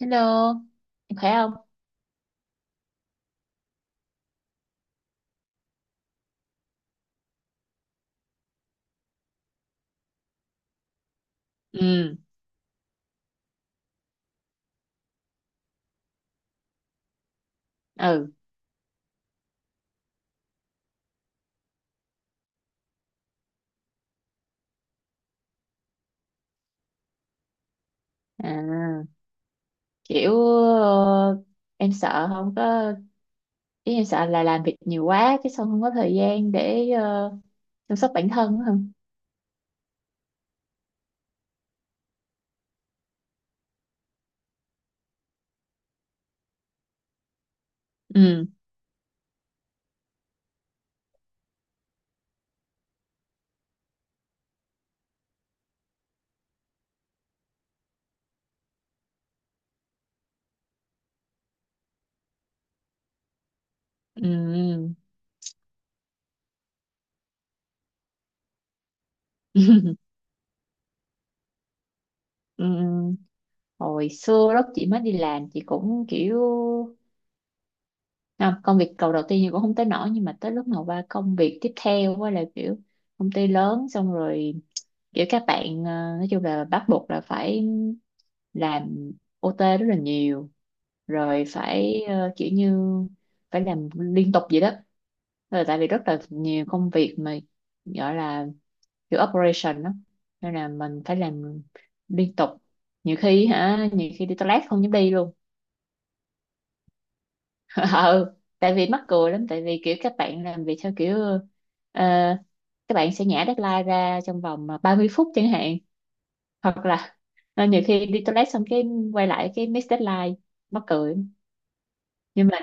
Hello, em khỏe không? Ừ, ừ, à, kiểu ờ, em sợ không có, ý em sợ là làm việc nhiều quá cái xong không có thời gian để chăm sóc bản thân á không? Ừ, ừ, ừ, ừ. Hồi xưa lúc chị mới đi làm chị cũng kiểu, không, công việc cầu đầu tiên thì cũng không tới nổi, nhưng mà tới lúc mà qua công việc tiếp theo á là kiểu công ty lớn xong rồi, kiểu các bạn nói chung là bắt buộc là phải làm OT rất là nhiều, rồi phải kiểu như phải làm liên tục vậy đó. Rồi tại vì rất là nhiều công việc mà gọi là kiểu operation đó, nên là mình phải làm liên tục, nhiều khi hả, nhiều khi đi toilet không dám đi luôn. Ừ, tại vì mắc cười lắm, tại vì kiểu các bạn làm việc theo kiểu ờ, các bạn sẽ nhả deadline ra trong vòng mà 30 phút chẳng hạn, hoặc là nhiều khi đi toilet xong cái quay lại cái miss deadline, mắc cười. nhưng mà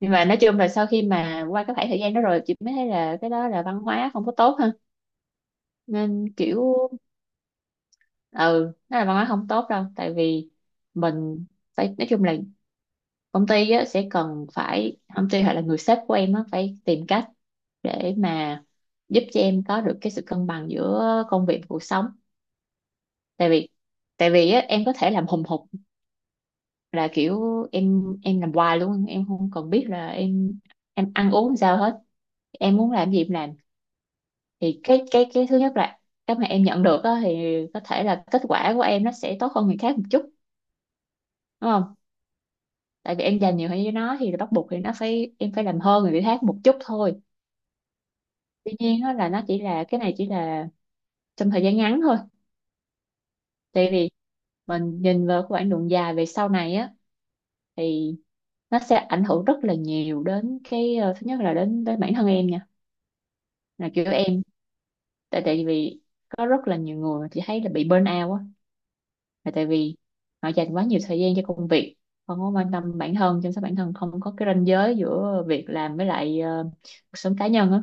nhưng mà nói chung là sau khi mà qua cái khoảng thời gian đó rồi chị mới thấy là cái đó là văn hóa không có tốt ha, nên kiểu ừ, nó là văn hóa không tốt đâu. Tại vì mình phải, nói chung là công ty á, sẽ cần phải, công ty hoặc là người sếp của em á, phải tìm cách để mà giúp cho em có được cái sự cân bằng giữa công việc và cuộc sống. Tại vì tại vì á, em có thể làm hùng hục, là kiểu em làm hoài luôn, em không cần biết là em ăn uống sao hết, em muốn làm gì em làm. Thì cái thứ nhất là cái mà em nhận được á, thì có thể là kết quả của em nó sẽ tốt hơn người khác một chút, đúng không? Tại vì em dành nhiều hơn gian cho nó thì bắt buộc thì nó phải, em phải làm hơn người khác một chút thôi. Tuy nhiên á, là nó chỉ là, cái này chỉ là trong thời gian ngắn thôi. Tại vì mình nhìn vào cái quãng đường dài về sau này á, thì nó sẽ ảnh hưởng rất là nhiều đến cái thứ nhất là đến, đến bản thân em nha. Là kiểu em, tại tại vì có rất là nhiều người mà chị thấy là bị burn out á, là tại vì họ dành quá nhiều thời gian cho công việc, không có quan tâm bản thân, chăm sóc bản thân, không có cái ranh giới giữa việc làm với lại cuộc sống cá nhân á,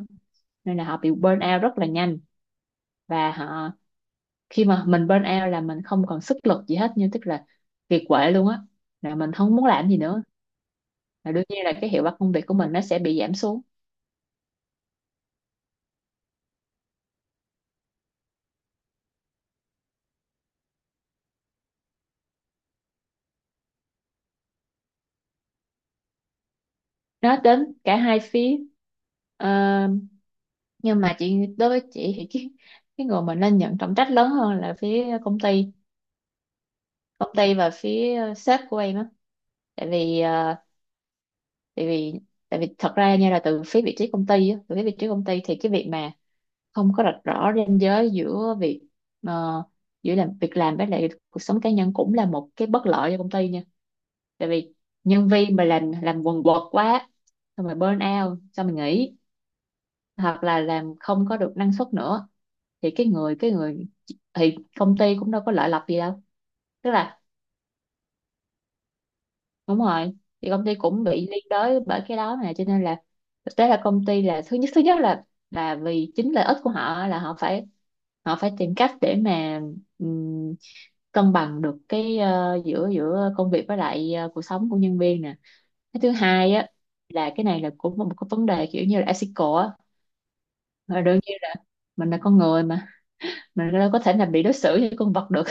nên là họ bị burn out rất là nhanh. Và họ, khi mà mình burn out là mình không còn sức lực gì hết, nhưng tức là kiệt quệ luôn á, là mình không muốn làm gì nữa, là đương nhiên là cái hiệu quả công việc của mình nó sẽ bị giảm xuống. Nó đến cả hai phía. Ờ, nhưng mà chị, đối với chị thì cái người mà nên nhận trọng trách lớn hơn là phía công ty, công ty và phía sếp của em á. Tại vì ờ, tại vì tại vì thật ra nha, là từ phía vị trí công ty á, từ phía vị trí công ty thì cái việc mà không có rạch rõ ranh giới giữa việc ờ, giữa làm việc, làm với lại cuộc sống cá nhân cũng là một cái bất lợi cho công ty nha. Tại vì nhân viên mà làm quần quật quá, xong rồi burn out xong rồi nghỉ, hoặc là làm không có được năng suất nữa, thì cái người thì công ty cũng đâu có lợi lộc gì đâu. Tức là, đúng rồi, thì công ty cũng bị liên đới bởi cái đó, mà cho nên là thực tế là công ty là thứ nhất, thứ nhất là vì chính lợi ích của họ, là họ phải, họ phải tìm cách để mà ừm, cân bằng được cái giữa, giữa công việc với lại cuộc sống của nhân viên nè. Cái thứ hai á, là cái này là cũng một cái vấn đề kiểu như là ethical á. Mà đương nhiên là mình là con người mà, mình đâu có thể là bị đối xử như con vật được.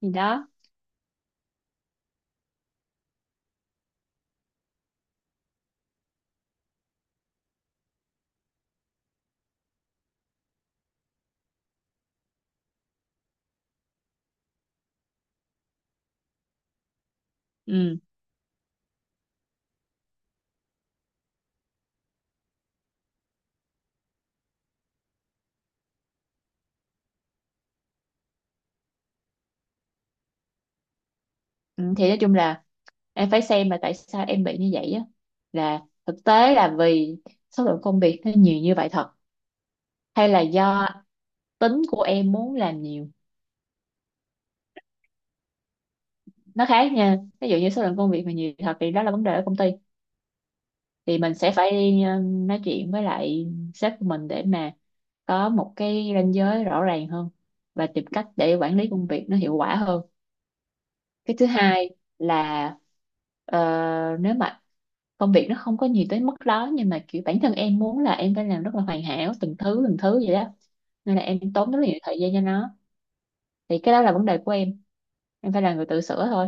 Gì đó. Ừ, ừ, thì nói chung là em phải xem là tại sao em bị như vậy á, là thực tế là vì số lượng công việc nó nhiều như vậy thật, hay là do tính của em muốn làm nhiều. Nó khác nha. Ví dụ như số lượng công việc mà nhiều thật thì đó là vấn đề ở công ty, thì mình sẽ phải đi nói chuyện với lại sếp của mình để mà có một cái ranh giới rõ ràng hơn, và tìm cách để quản lý công việc nó hiệu quả hơn. Cái thứ hai là ờ, nếu mà công việc nó không có nhiều tới mức đó, nhưng mà kiểu bản thân em muốn là em phải làm rất là hoàn hảo từng thứ vậy đó, nên là em tốn rất là nhiều thời gian cho nó, thì cái đó là vấn đề của em phải là người tự sửa thôi.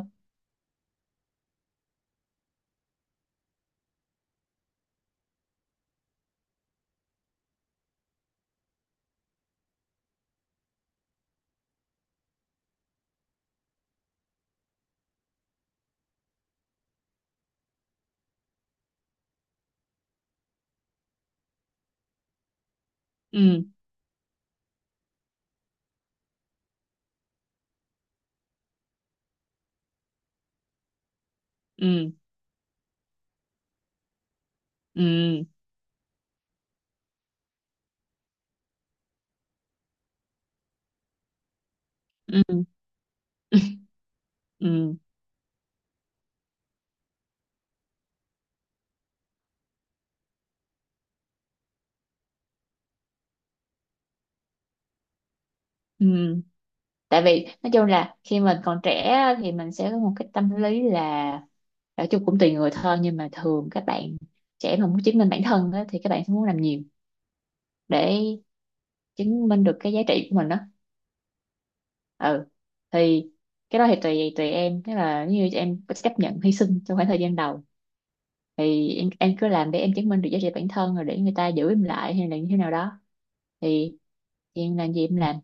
Ừ, ừ, ừ, ừ, ừ, ừ, tại vì nói chung là khi mình còn trẻ á, thì mình sẽ có một cái tâm lý là, nói chung cũng tùy người thôi, nhưng mà thường các bạn trẻ mà muốn chứng minh bản thân á, thì các bạn sẽ muốn làm nhiều để chứng minh được cái giá trị của mình đó. Ừ, thì cái đó thì tùy tùy em, tức là nếu như em có chấp nhận hy sinh trong khoảng thời gian đầu, thì em cứ làm để em chứng minh được giá trị bản thân rồi để người ta giữ em lại hay là như thế nào đó, thì em làm gì em làm.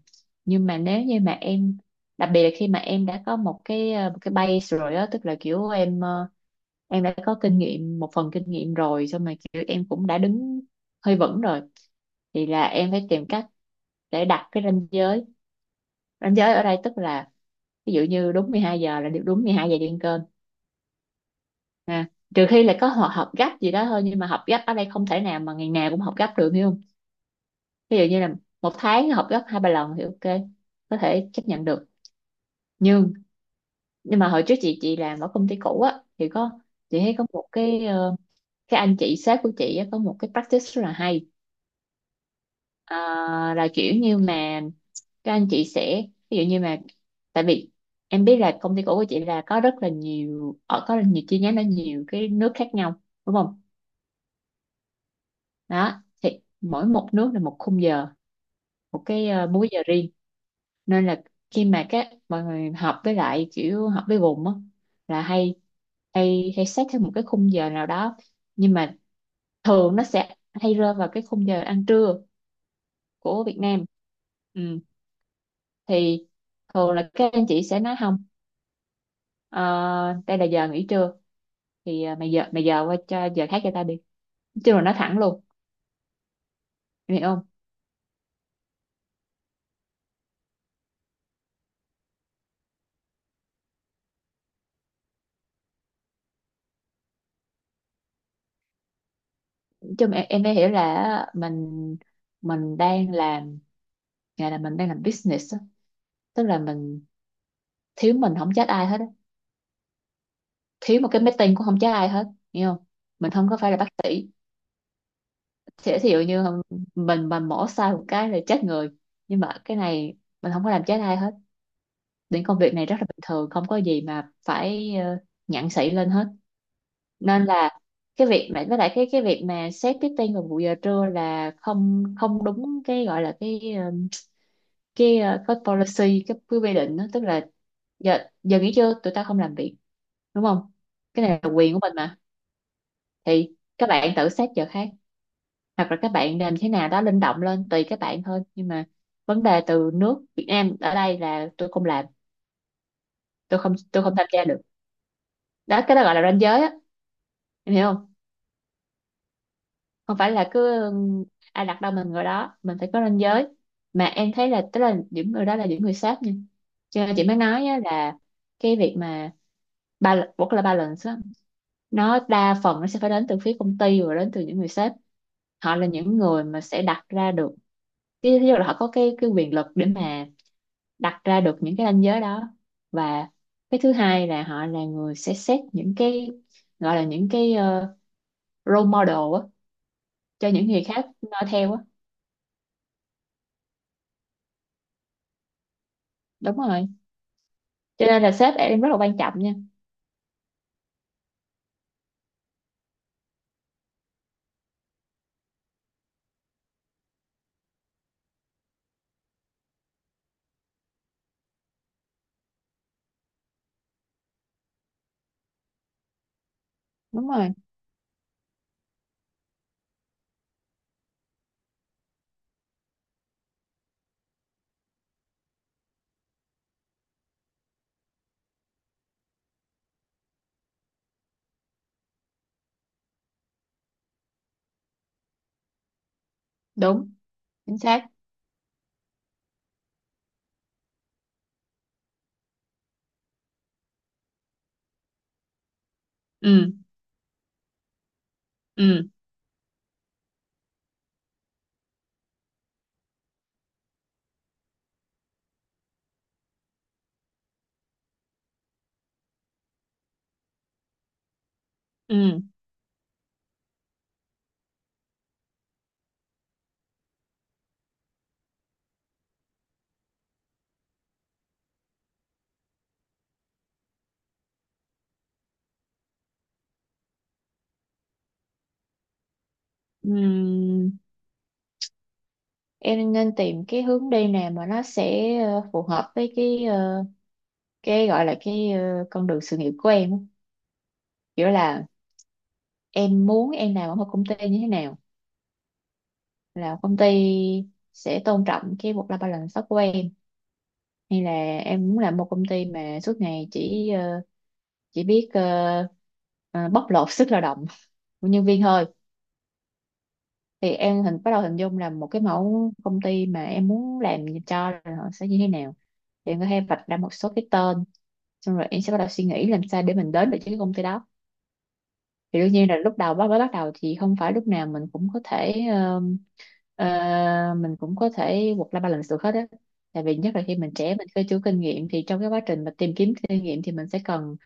Nhưng mà nếu như mà em, đặc biệt là khi mà em đã có một cái một cái base rồi á, tức là kiểu em em đã có kinh nghiệm, một phần kinh nghiệm rồi, xong mà kiểu em cũng đã đứng hơi vững rồi, thì là em phải tìm cách để đặt cái ranh giới. Ranh giới ở đây tức là ví dụ như đúng 12 giờ là được, đúng 12 giờ đi ăn cơm ha, trừ khi là có họ, họp gấp gì đó thôi, nhưng mà họp gấp ở đây không thể nào mà ngày nào cũng họp gấp được, hiểu không? Ví dụ như là một tháng họp gấp hai ba lần thì OK, có thể chấp nhận được. Nhưng nhưng mà hồi trước chị làm ở công ty cũ á thì có, chị thấy có một cái cái anh chị sếp của chị á, có một cái practice rất là hay. à, là kiểu như mà các anh chị sẽ, ví dụ như mà, tại vì em biết là công ty cũ của chị là có rất là nhiều ở, có rất nhiều chi nhánh ở nhiều cái nước khác nhau đúng không. Đó, thì mỗi một nước là một khung giờ, một cái múi giờ riêng. Nên là khi mà các, mọi người học với lại kiểu học với vùng á, là hay hay hay xét theo một cái khung giờ nào đó, nhưng mà thường nó sẽ hay rơi vào cái khung giờ ăn trưa của Việt Nam. Ừ. Thì thường là các anh chị sẽ nói không, ờ, đây là giờ nghỉ trưa, thì mày giờ, mày giờ qua cho giờ khác cho tao đi, nói chung là nói thẳng luôn, em hiểu không? Nói chung em mới hiểu là mình đang làm, gọi là mình đang làm business á. Tức là mình thiếu mình không trách ai hết á, thiếu một cái meeting cũng không chết ai hết. Hiểu không? Mình không có phải là bác sĩ, sẽ thí dụ như mình mà mổ sai một cái là chết người, nhưng mà cái này mình không có làm chết ai hết. Những công việc này rất là bình thường, không có gì mà phải nhặng xị lên hết. Nên là cái việc mà với lại cái việc mà xét meeting vào buổi giờ trưa là không không đúng cái gọi là cái cái policy, cái quy định đó. Tức là giờ giờ nghỉ trưa tụi ta không làm việc, đúng không? Cái này là quyền của mình mà, thì các bạn tự xét giờ khác hoặc là các bạn làm thế nào đó linh động lên tùy các bạn thôi. Nhưng mà vấn đề từ nước Việt Nam ở đây là tôi không làm, tôi không tham gia được. Đó, cái đó gọi là ranh giới á, em hiểu không? Không phải là cứ ai đặt đâu mình ngồi đó, mình phải có ranh giới. Mà em thấy là, tức là những người đó là những người sếp nha, cho nên chị mới nói á, là cái việc mà ba, work life balance á, nó đa phần nó sẽ phải đến từ phía công ty và đến từ những người sếp. Họ là những người mà sẽ đặt ra được. Cái- Tức là họ có cái quyền lực để mà đặt ra được những cái ranh giới đó. Và cái thứ hai là họ là người sẽ xét những cái, gọi là những cái, role model á, cho những người khác noi theo á. Đúng rồi, cho nên là sếp em rất là quan trọng nha. Đúng rồi. Đúng. Chính xác. Ừ. Ừ. Ừ. Ừ. Em nên tìm cái hướng đi nào mà nó sẽ phù hợp với cái, cái gọi là cái, con đường sự nghiệp của em á. Kiểu là em muốn em làm ở một công ty như thế nào, là công ty sẽ tôn trọng cái work-life balance đó của em, hay là em muốn làm một công ty mà suốt ngày chỉ chỉ biết ờ, bóc lột sức lao động của nhân viên thôi. Thì em hình bắt đầu hình dung là một cái mẫu công ty mà em muốn làm cho là họ sẽ như thế nào, thì em có thể vạch ra một số cái tên, xong rồi em sẽ bắt đầu suy nghĩ làm sao để mình đến được với cái công ty đó. Thì đương nhiên là lúc đầu bắt mới bắt đầu thì không phải lúc nào mình cũng có thể mình cũng có thể work life balance được hết á, tại vì nhất là khi mình trẻ mình chưa chưa kinh nghiệm thì trong cái quá trình mà tìm kiếm kinh nghiệm thì mình sẽ cần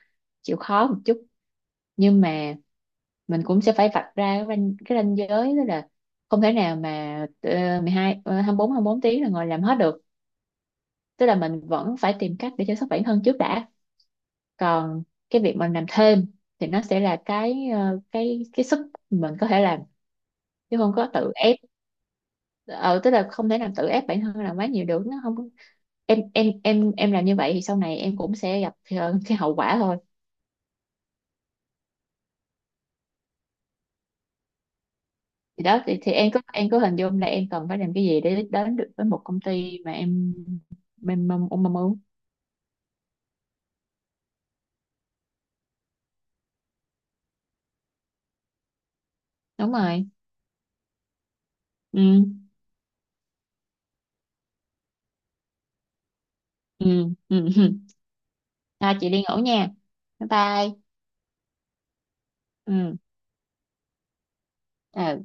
chịu khó một chút. Nhưng mà mình cũng sẽ phải vạch ra cái ranh giới đó, là không thể nào mà 12 24 24 tiếng là ngồi làm hết được. Tức là mình vẫn phải tìm cách để chăm sóc bản thân trước đã, còn cái việc mình làm thêm thì nó sẽ là cái, cái sức mình có thể làm, chứ không có tự ép. Ờ tức là không thể làm tự ép bản thân làm quá nhiều được, nó không có- em làm như vậy thì sau này em cũng sẽ gặp cái hậu quả thôi. Thì đó thì em có, em có hình dung là em cần phải làm cái gì để đến được với một công ty mà em mong muốn. Đúng rồi. Ừ. Ừ. Ừ. Ha, chị đi ngủ nha. Bye bye. Ừ. Ừ.